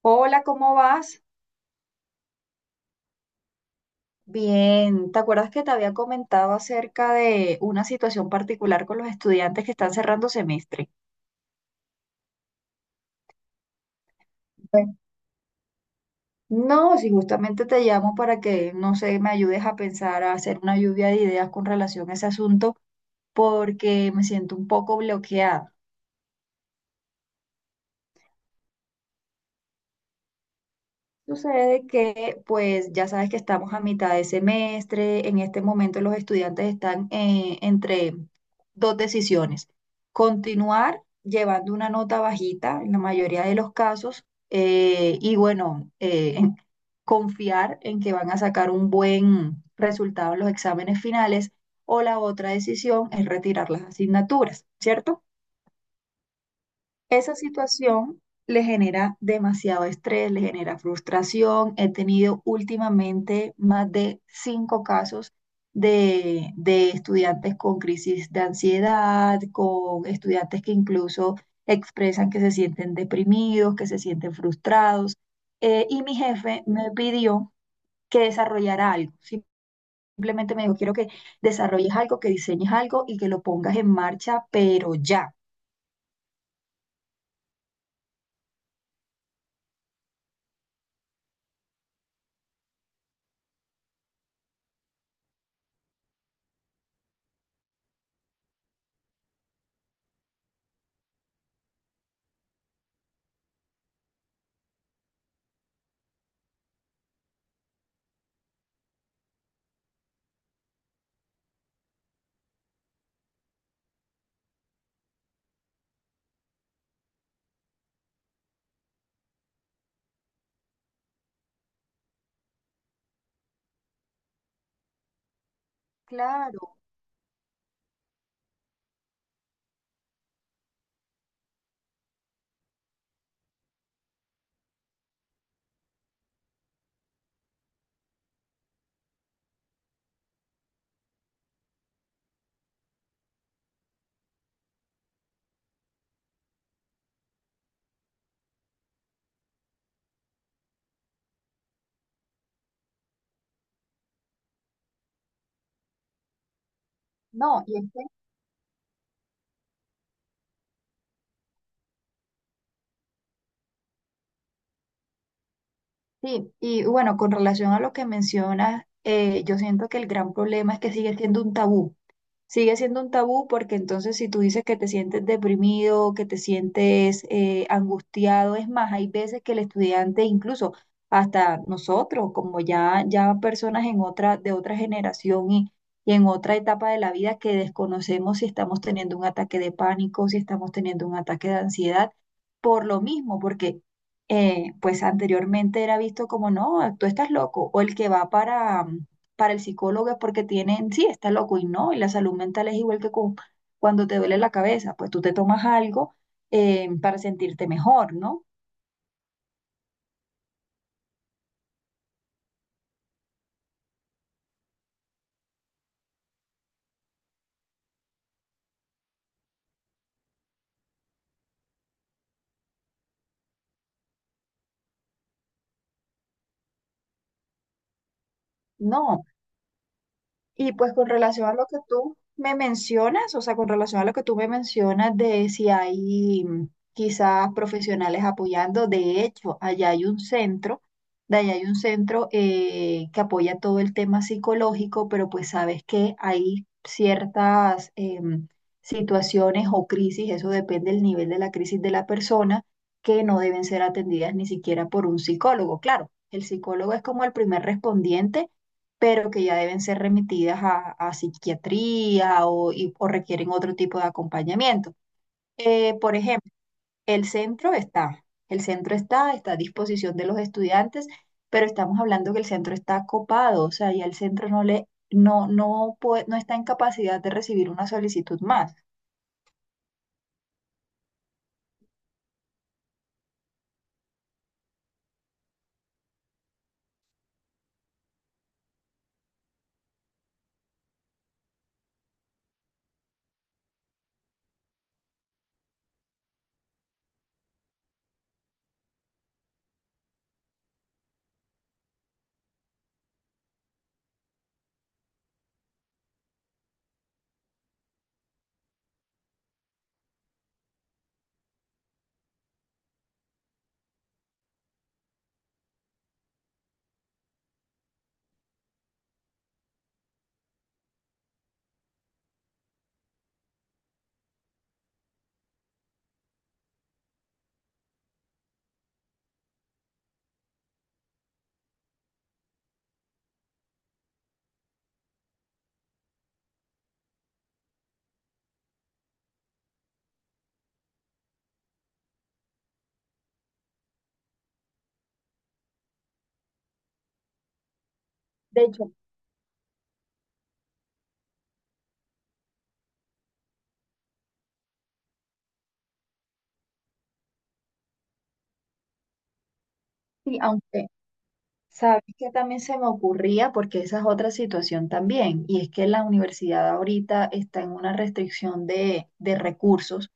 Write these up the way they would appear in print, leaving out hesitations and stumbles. Hola, ¿cómo vas? Bien, ¿te acuerdas que te había comentado acerca de una situación particular con los estudiantes que están cerrando semestre? Pues, no, si justamente te llamo para que, no sé, me ayudes a pensar, a hacer una lluvia de ideas con relación a ese asunto, porque me siento un poco bloqueada. Sucede que, pues, ya sabes que estamos a mitad de semestre. En este momento los estudiantes están entre dos decisiones. Continuar llevando una nota bajita en la mayoría de los casos, y, bueno, confiar en que van a sacar un buen resultado en los exámenes finales. O la otra decisión es retirar las asignaturas, ¿cierto? Esa situación le genera demasiado estrés, le genera frustración. He tenido últimamente más de cinco casos de estudiantes con crisis de ansiedad, con estudiantes que incluso expresan que se sienten deprimidos, que se sienten frustrados. Y mi jefe me pidió que desarrollara algo. Simplemente me dijo, quiero que desarrolles algo, que diseñes algo y que lo pongas en marcha, pero ya. Claro, no, y es sí, y bueno, con relación a lo que mencionas, yo siento que el gran problema es que sigue siendo un tabú. Sigue siendo un tabú porque entonces si tú dices que te sientes deprimido, que te sientes angustiado, es más, hay veces que el estudiante, incluso hasta nosotros, como ya personas en otra, de otra generación y en otra etapa de la vida que desconocemos si estamos teniendo un ataque de pánico, si estamos teniendo un ataque de ansiedad, por lo mismo, porque pues anteriormente era visto como, no, tú estás loco, o el que va para el psicólogo es porque tienen, sí, está loco y no, y la salud mental es igual que cuando te duele la cabeza, pues tú te tomas algo, para sentirte mejor, ¿no? No, y pues con relación a lo que tú me mencionas, o sea, con relación a lo que tú me mencionas de si hay quizás profesionales apoyando. De hecho, allá hay un centro, que apoya todo el tema psicológico, pero pues sabes que hay ciertas situaciones o crisis, eso depende del nivel de la crisis de la persona, que no deben ser atendidas ni siquiera por un psicólogo. Claro, el psicólogo es como el primer respondiente, pero que ya deben ser remitidas a, psiquiatría o, o requieren otro tipo de acompañamiento. Por ejemplo, el centro está, está a disposición de los estudiantes, pero estamos hablando que el centro está copado, o sea, ya el centro no puede, no está en capacidad de recibir una solicitud más. De hecho, sí, aunque sabes que también se me ocurría, porque esa es otra situación también, y es que la universidad ahorita está en una restricción de recursos,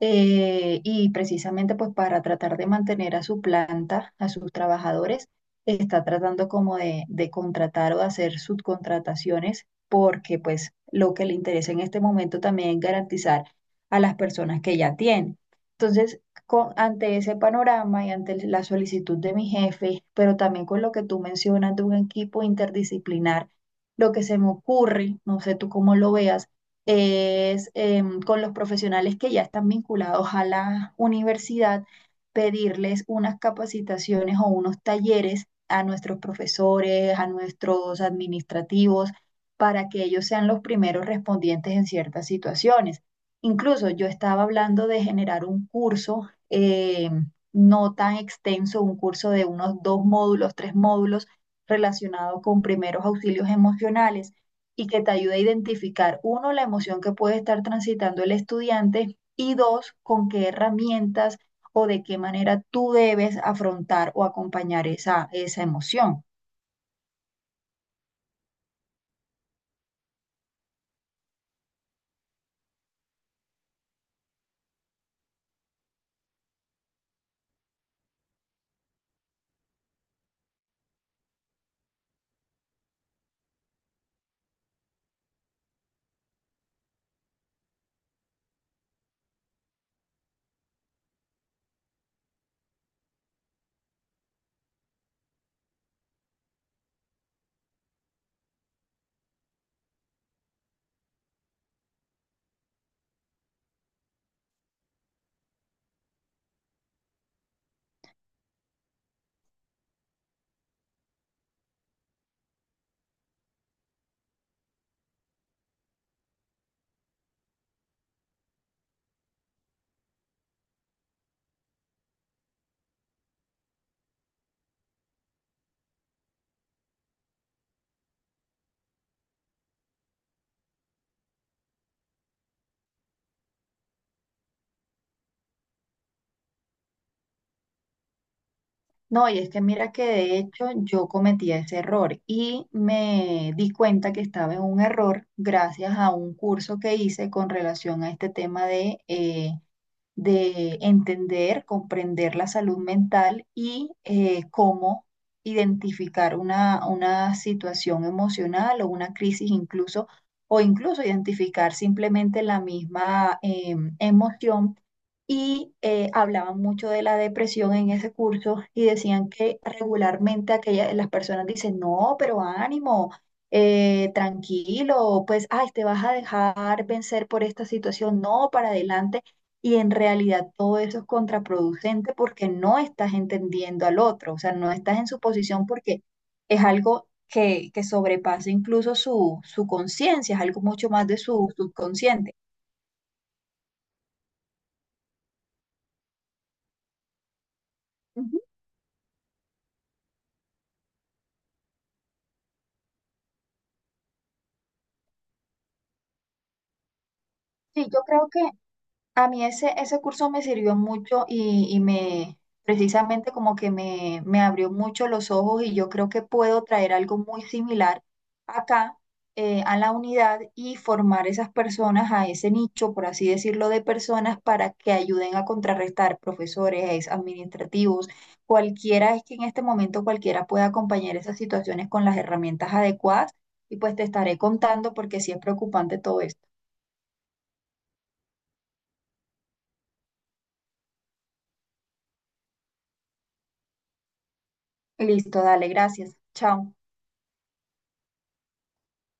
y precisamente pues para tratar de mantener a su planta, a sus trabajadores, está tratando como de, contratar o de hacer subcontrataciones porque pues lo que le interesa en este momento también es garantizar a las personas que ya tiene. Entonces, ante ese panorama y ante la solicitud de mi jefe, pero también con lo que tú mencionas de un equipo interdisciplinar, lo que se me ocurre, no sé tú cómo lo veas, es, con los profesionales que ya están vinculados a la universidad, pedirles unas capacitaciones o unos talleres a nuestros profesores, a nuestros administrativos, para que ellos sean los primeros respondientes en ciertas situaciones. Incluso yo estaba hablando de generar un curso, no tan extenso, un curso de unos dos módulos, tres módulos relacionado con primeros auxilios emocionales y que te ayude a identificar, uno, la emoción que puede estar transitando el estudiante y dos, con qué herramientas o de qué manera tú debes afrontar o acompañar esa emoción. No, y es que mira que de hecho yo cometí ese error y me di cuenta que estaba en un error gracias a un curso que hice con relación a este tema de entender, comprender la salud mental y cómo identificar una situación emocional o una crisis incluso, o incluso identificar simplemente la misma emoción. Y hablaban mucho de la depresión en ese curso y decían que regularmente las personas dicen, no, pero ánimo, tranquilo, pues, ay, te vas a dejar vencer por esta situación, no, para adelante. Y en realidad todo eso es contraproducente porque no estás entendiendo al otro, o sea, no estás en su posición porque es algo que sobrepasa incluso su conciencia, es algo mucho más de su subconsciente. Ujú. Sí, yo creo que a mí ese curso me sirvió mucho, precisamente como que me abrió mucho los ojos y yo creo que puedo traer algo muy similar acá, a la unidad, y formar esas personas a ese nicho, por así decirlo, de personas para que ayuden a contrarrestar profesores, administrativos, cualquiera, es que en este momento cualquiera pueda acompañar esas situaciones con las herramientas adecuadas y pues te estaré contando porque sí es preocupante todo esto. Listo, dale, gracias. Chao.